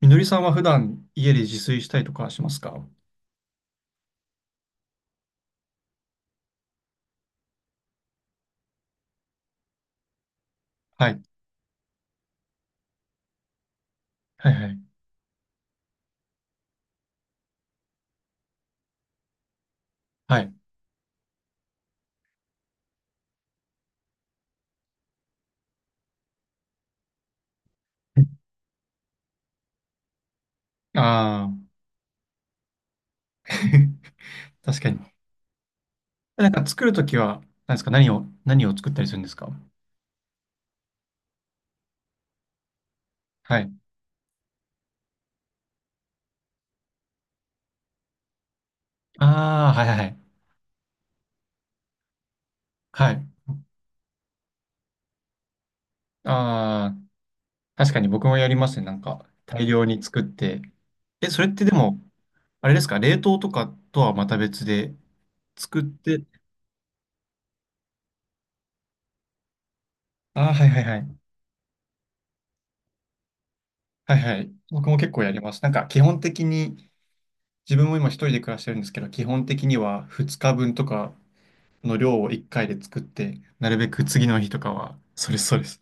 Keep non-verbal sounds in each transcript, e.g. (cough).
みのりさんは普段家で自炊したりとかしますか？はい。はいはい。はい。ああ。(laughs) 確かに。なんか作るときは、何ですか何を、何を作ったりするんですか？はい。ああ、はいはいはい。はい。ああ、確かに僕もやりますね。なんか大量に作って。え、それってでも、あれですか？冷凍とかとはまた別で作って。ああ、はいはいはい。はいはい。僕も結構やります。なんか基本的に、自分も今一人で暮らしてるんですけど、基本的には2日分とかの量を1回で作って、なるべく次の日とかは、それそうです。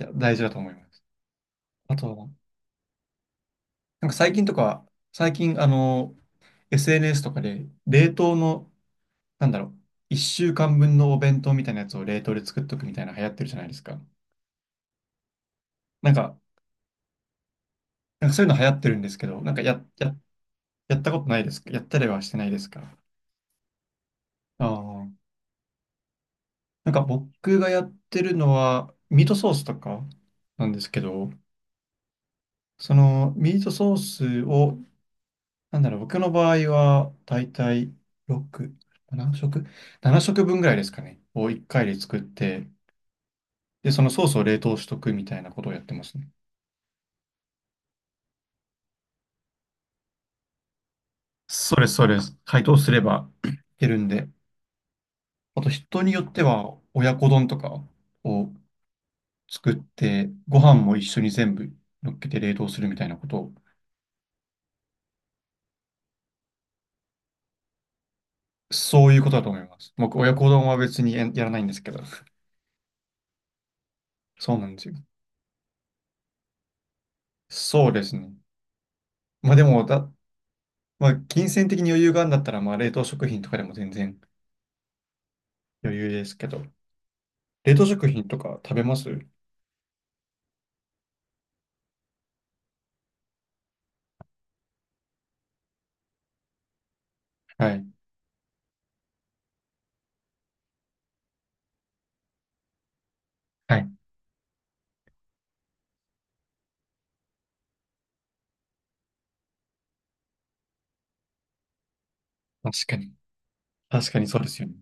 いや、大事だと思います。あとは、なんか最近、SNS とかで、冷凍の、なんだろう、1週間分のお弁当みたいなやつを冷凍で作っとくみたいな流行ってるじゃないですか、なんか、なんかそういうの流行ってるんですけど、なんかやったことないですか？やったりはしてないですか？ああ、なんか僕がやってるのは、ミートソースとかなんですけど、そのミートソースを、なんだろう、僕の場合は、だいたい6、7食 ?7 食分ぐらいですかね。を1回で作って、で、そのソースを冷凍しとくみたいなことをやってますね。それそれ、解凍すれば (clears throat) いけるんで。あと、人によっては、親子丼とかを作って、ご飯も一緒に全部乗っけて冷凍するみたいなことを、そういうことだと思います。僕、親子丼は別にやらないんですけど。(laughs) そうなんですよ。そうですね。まあでもだ、まあ、金銭的に余裕があるんだったら、まあ、冷凍食品とかでも全然余裕ですけど、冷凍食品とか食べます？はい。はい。確かに。確かにそうですよね。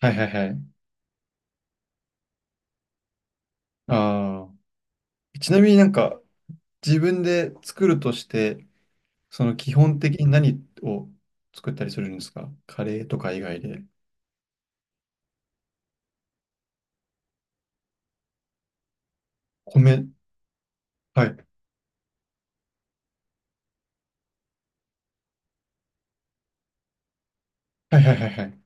はいはいはい。ああ。ちなみになんか、自分で作るとして、その基本的に何を作ったりするんですか？カレーとか以外で。米。はい。はいはいはいはい。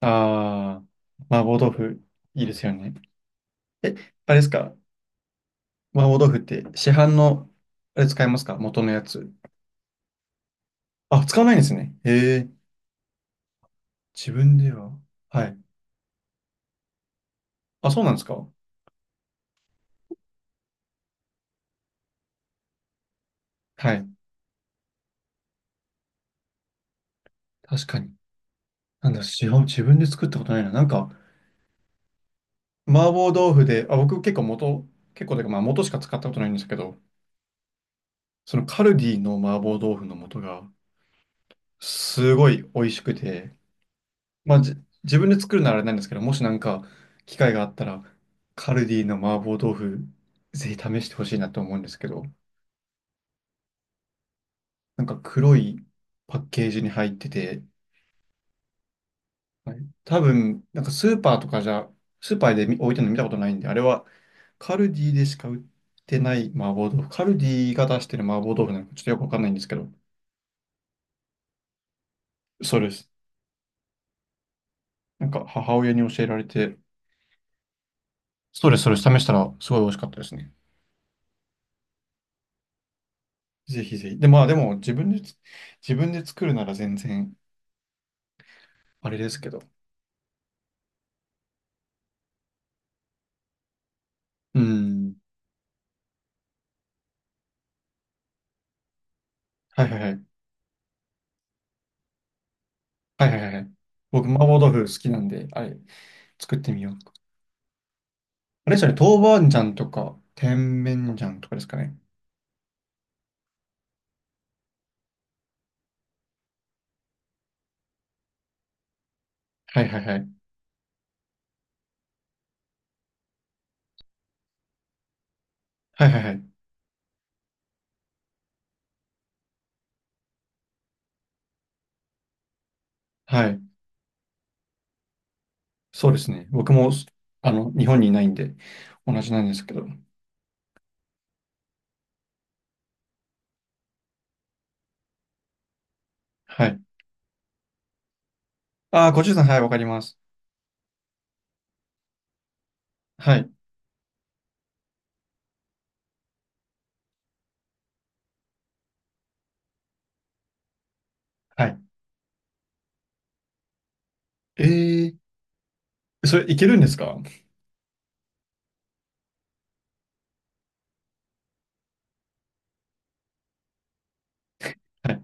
ああ。麻婆豆腐、いいですよね。え、あれですか？麻婆豆腐って市販の、あれ使いますか？元のやつ。あ、使わないんですね。へえ。自分では。はい。あ、そうなんですか？はい。確かに。なんだ、自分で作ったことないな。なんか、麻婆豆腐で、あ、僕結構というか、まあ元しか使ったことないんですけど、そのカルディの麻婆豆腐の素が、すごい美味しくて、まあじ、自分で作るならあれなんですけど、もしなんか、機会があったら、カルディの麻婆豆腐、ぜひ試してほしいなと思うんですけど、なんか黒いパッケージに入ってて、はい、多分、なんかスーパーで置いてるの見たことないんで、あれはカルディでしか売ってない麻婆豆腐。カルディが出してる麻婆豆腐なんかちょっとよくわかんないんですけど、そうです。なんか母親に教えられて、そうです、そうです。試したらすごい美味しかったですね。ぜひぜひ。で、まあでも自分で作るなら全然あれですけど。うん。はいはいはい。はいはいはいはい。僕、麻婆豆腐好きなんで、あれ、作ってみよう。あれですよね、豆板醤とか、甜麺醤とかですかね。はいはいはい。はいはいはい。はい。そうですね。僕も、日本にいないんで、同じなんですけど。はい。ああ、コチュさん、はい、わかります。はい。はい。えー、それいけるんですか？はい。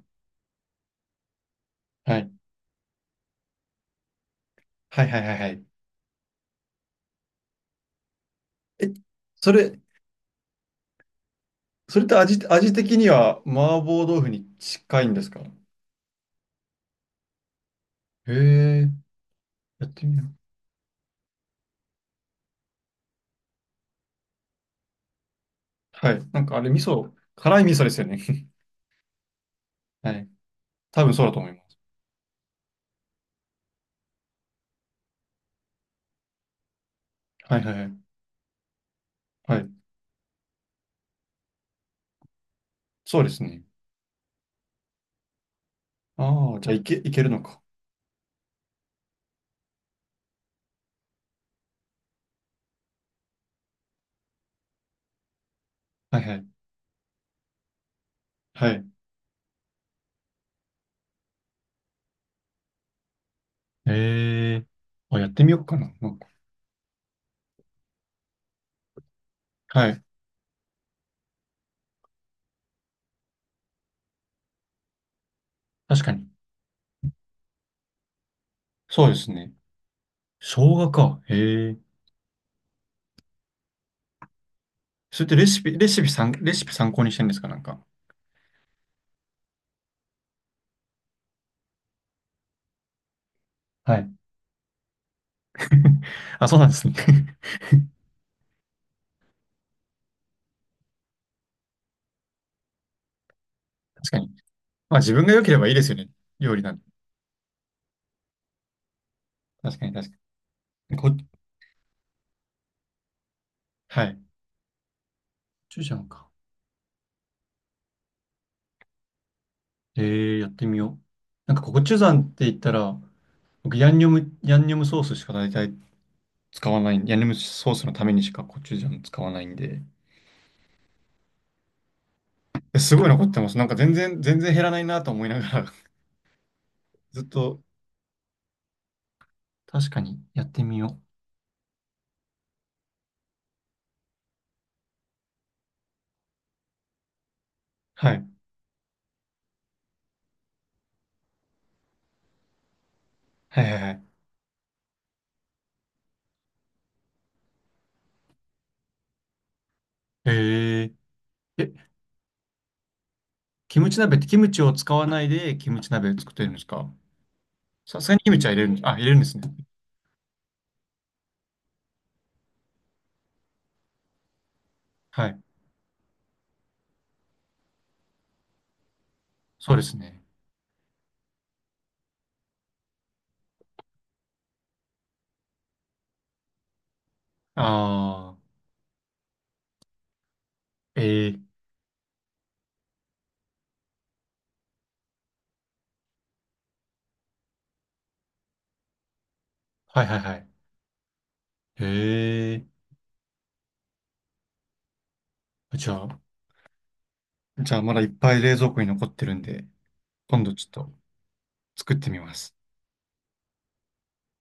はい。はいはいはいはい。え、それ、それって味的には麻婆豆腐に近いんですか？へえ、やってみよう。はい。なんかあれ、味噌、辛い味噌ですよね。(laughs) はい。多分そうだと思います。はいはいはい。はい。そうですね。ああ、じゃあいけるのか。はいはい。はい。ええ、あ、やってみようかな。なんか、はい。確かに。そうですね。生姜か。ええ、それってレシピ参考にしてるんですか？なんか。はい。(laughs) あ、そうなんですね。(laughs) 確かに。まあ自分が良ければいいですよね。料理なんて。確かに確かに。はい。コチュジャンか。ええ、やってみよう。なんかコチュジャンって言ったら、僕ヤンニョムソースしか大体使わない。ヤンニョムソースのためにしかコチュジャン使わないんで。え、すごい残ってます。なんか全然減らないなと思いながらずっと、確かにやってみよはい。はいはいはい。へえ。え、キムチ鍋ってキムチを使わないでキムチ鍋を作ってるんですか？さすがにキムチは入れるんです、あ、入れるんですね。はい。そうですね。ああ、ええ。はいはいはい。へえ。じゃあ、じゃあまだいっぱい冷蔵庫に残ってるんで、今度ちょっと作ってみます。